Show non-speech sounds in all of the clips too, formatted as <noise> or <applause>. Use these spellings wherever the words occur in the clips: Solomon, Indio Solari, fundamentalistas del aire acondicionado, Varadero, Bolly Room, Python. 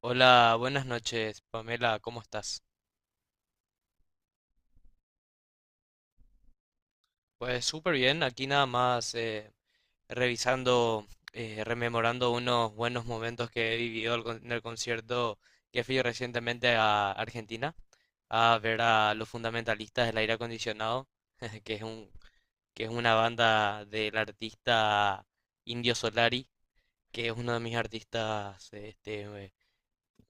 Hola, buenas noches, Pamela, ¿cómo estás? Pues súper bien, aquí nada más revisando, rememorando unos buenos momentos que he vivido en el concierto que fui recientemente a Argentina a ver a los fundamentalistas del aire acondicionado, <laughs> que es un, que es una banda del artista Indio Solari, que es uno de mis artistas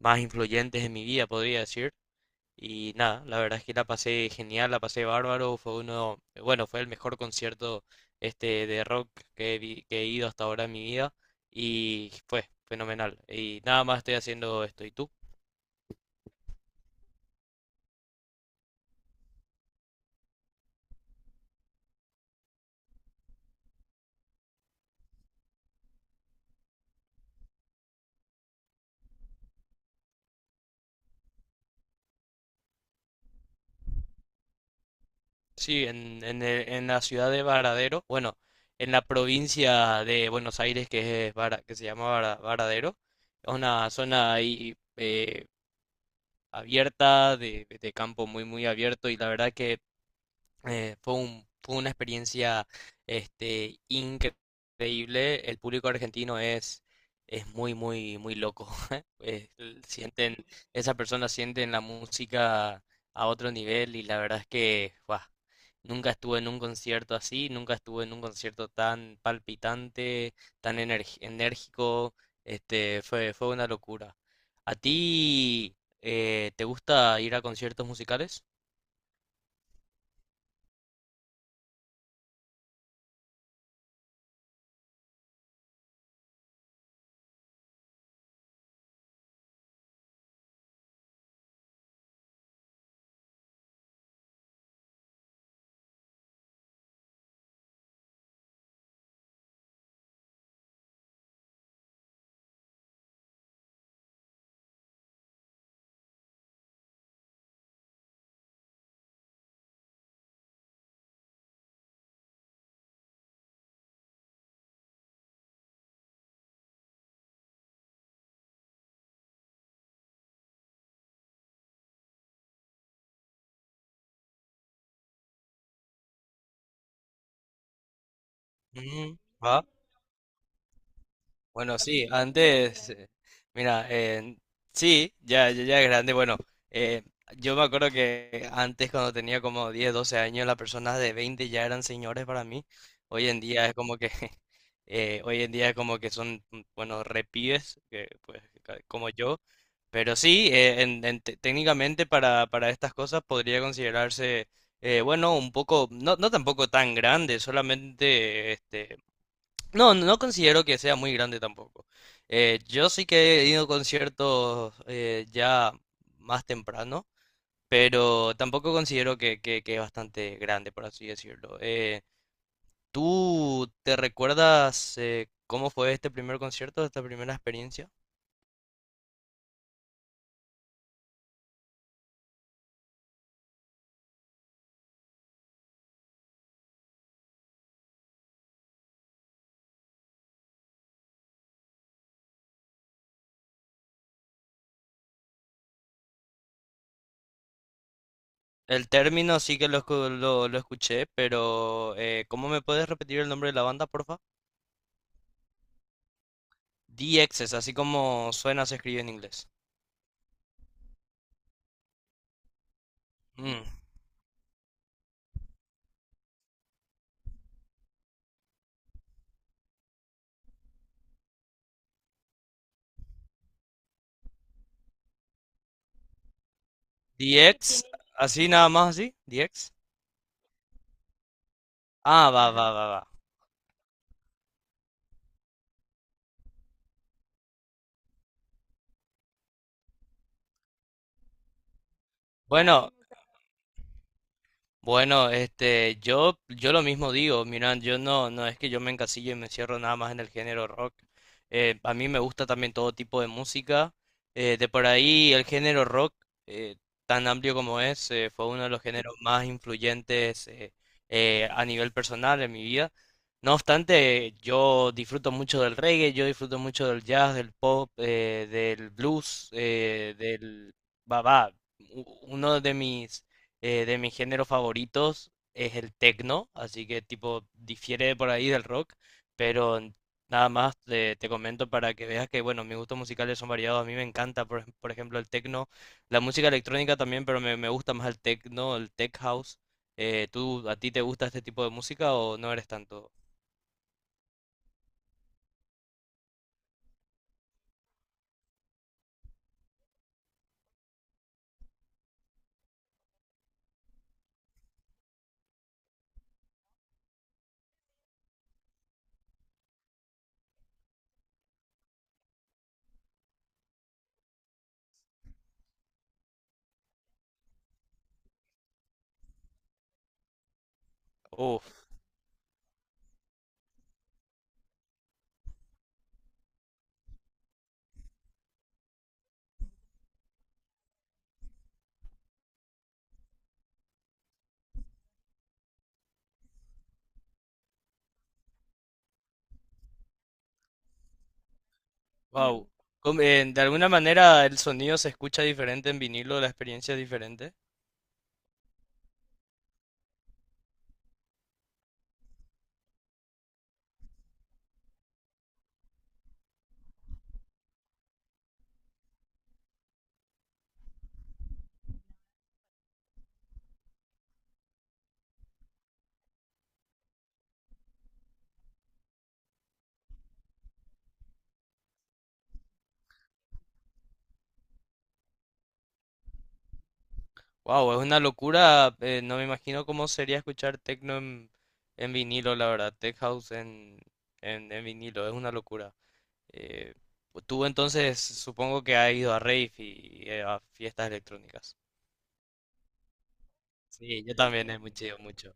más influyentes en mi vida, podría decir. Y nada, la verdad es que la pasé genial, la pasé bárbaro, fue el mejor concierto de rock que que he ido hasta ahora en mi vida y fue fenomenal. Y nada más estoy haciendo esto. ¿Y tú? Sí, en la ciudad de Varadero, bueno, en la provincia de Buenos Aires que se llama Varadero, es una zona ahí abierta, de campo muy muy abierto y la verdad que fue una experiencia increíble. El público argentino es muy, muy, muy loco. <laughs> Eh, l- sienten, esas personas sienten la música a otro nivel y la verdad es que ¡guau! Nunca estuve en un concierto así, nunca estuve en un concierto tan palpitante, enérgico. Fue una locura. ¿A ti te gusta ir a conciertos musicales? Ujú, va. Bueno, sí, mira, eh, sí, ya, ya, ya es grande. Bueno, eh, yo me acuerdo que antes cuando tenía como 10 12 años, las personas de 20 ya eran señores para mí. Hoy en día es como que, <laughs> hoy en día es como que son, bueno, repibes, como yo. Pero sí, técnicamente para estas cosas podría considerarse, bueno, un poco, no, no tampoco tan grande, no, no considero que sea muy grande tampoco. Yo sí que he ido a conciertos ya más temprano, pero tampoco considero que es bastante grande, por así decirlo. ¿Tú te recuerdas cómo fue este primer concierto, esta primera experiencia? El término sí que lo escuché, pero ¿cómo me puedes repetir el nombre de la banda, porfa? DXs, así como suena, se escribe en inglés. Mm. D X, así nada más así, D X. Ah, va, va, va, va. Bueno, bueno, yo lo mismo digo, miran, yo no, no es que yo me encasillo y me encierro nada más en el género rock. A mí me gusta también todo tipo de música. De por ahí el género rock, eh, tan amplio como es, fue uno de los géneros más influyentes a nivel personal en mi vida. No obstante, yo disfruto mucho del reggae, yo disfruto mucho del jazz, del pop, del blues, del... Va, va, Uno de mis géneros favoritos es el techno, así que tipo difiere por ahí del rock, pero nada más te comento para que veas que bueno, mis gustos musicales son variados, a mí me encanta por ejemplo el techno, la música electrónica también, pero me gusta más el techno, el tech house. ¿Tú a ti te gusta este tipo de música o no eres tanto? Uf, wow. Mm. De alguna manera el sonido se escucha diferente en vinilo, la experiencia es diferente. Wow, es una locura. No me imagino cómo sería escuchar techno en vinilo, la verdad. Tech house en vinilo, es una locura. Eh, Tú entonces supongo que has ido a rave y, a fiestas electrónicas. Sí, yo también he mucho, mucho.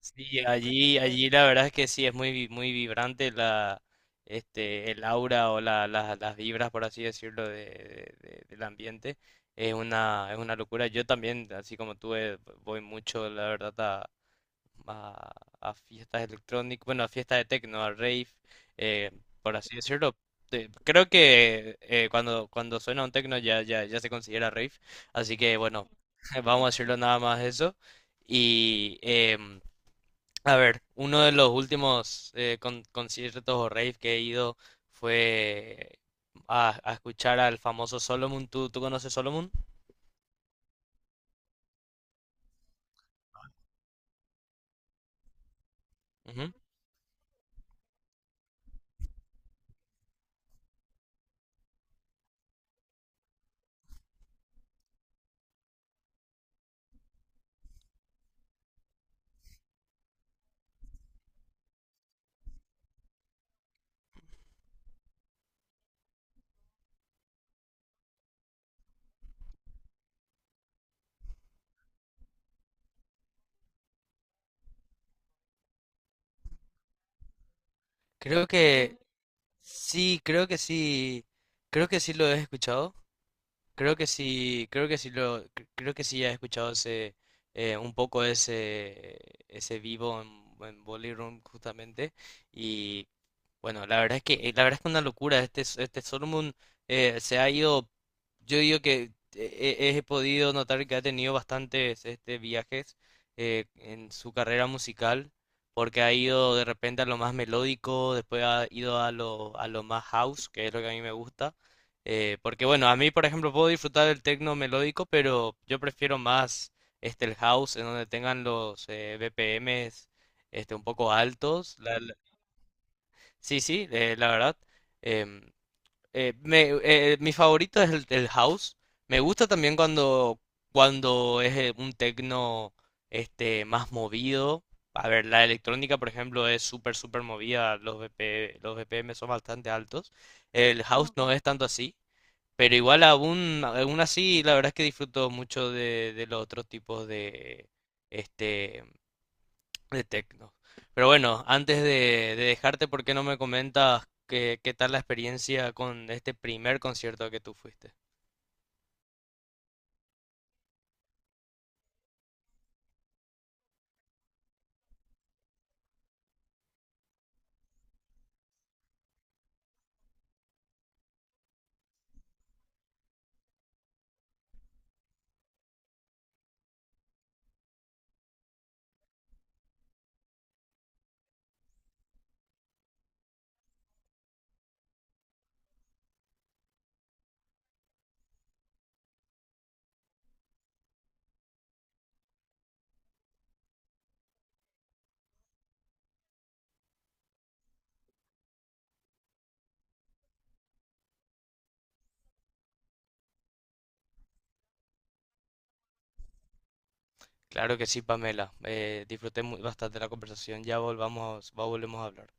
Sí, allí, allí la verdad es que sí, muy vibrante el aura o las vibras, por así decirlo, del ambiente. Es una locura. Yo también, así como tú, voy mucho, la verdad, a, a fiestas electrónicas, bueno, a fiestas de techno, a rave, eh, por así decirlo. Creo que cuando suena un techno ya, ya, ya se considera rave. Así que bueno, <laughs> vamos a decirlo nada más eso. Y... em, a ver, uno de los últimos conciertos o rave que he ido fue a escuchar al famoso Solomon. ¿Tú, tú conoces Solomon? Ujú. Creo que sí, creo que sí, Creo que sí lo he escuchado. Creo que sí he escuchado un poco ese vivo en Bolly Room justamente. Y bueno, la verdad es que una locura. Este Solomon eh, se ha ido, yo digo que he podido notar que ha tenido bastantes viajes en su carrera musical, porque ha ido de repente a lo más melódico, después ha ido a lo más house, que es lo que a mí me gusta. Porque bueno, a mí por ejemplo puedo disfrutar del techno melódico, pero yo prefiero más el house en donde tengan los BPMs un poco altos. Sí, sí, la verdad. em, Mi favorito es el house. Me gusta también cuando es un techno más movido. A ver, la electrónica, por ejemplo, es súper, súper movida, los BPM son bastante altos. El house no es tanto así. Pero igual aún, aún así, la verdad es que disfruto mucho de los otros tipos este, de tecno. Pero bueno, antes de dejarte, ¿por qué no me comentas qué, qué tal la experiencia con este primer concierto al que tú fuiste? Claro que sí, Pamela. Bastante la conversación. Volvemos a hablar.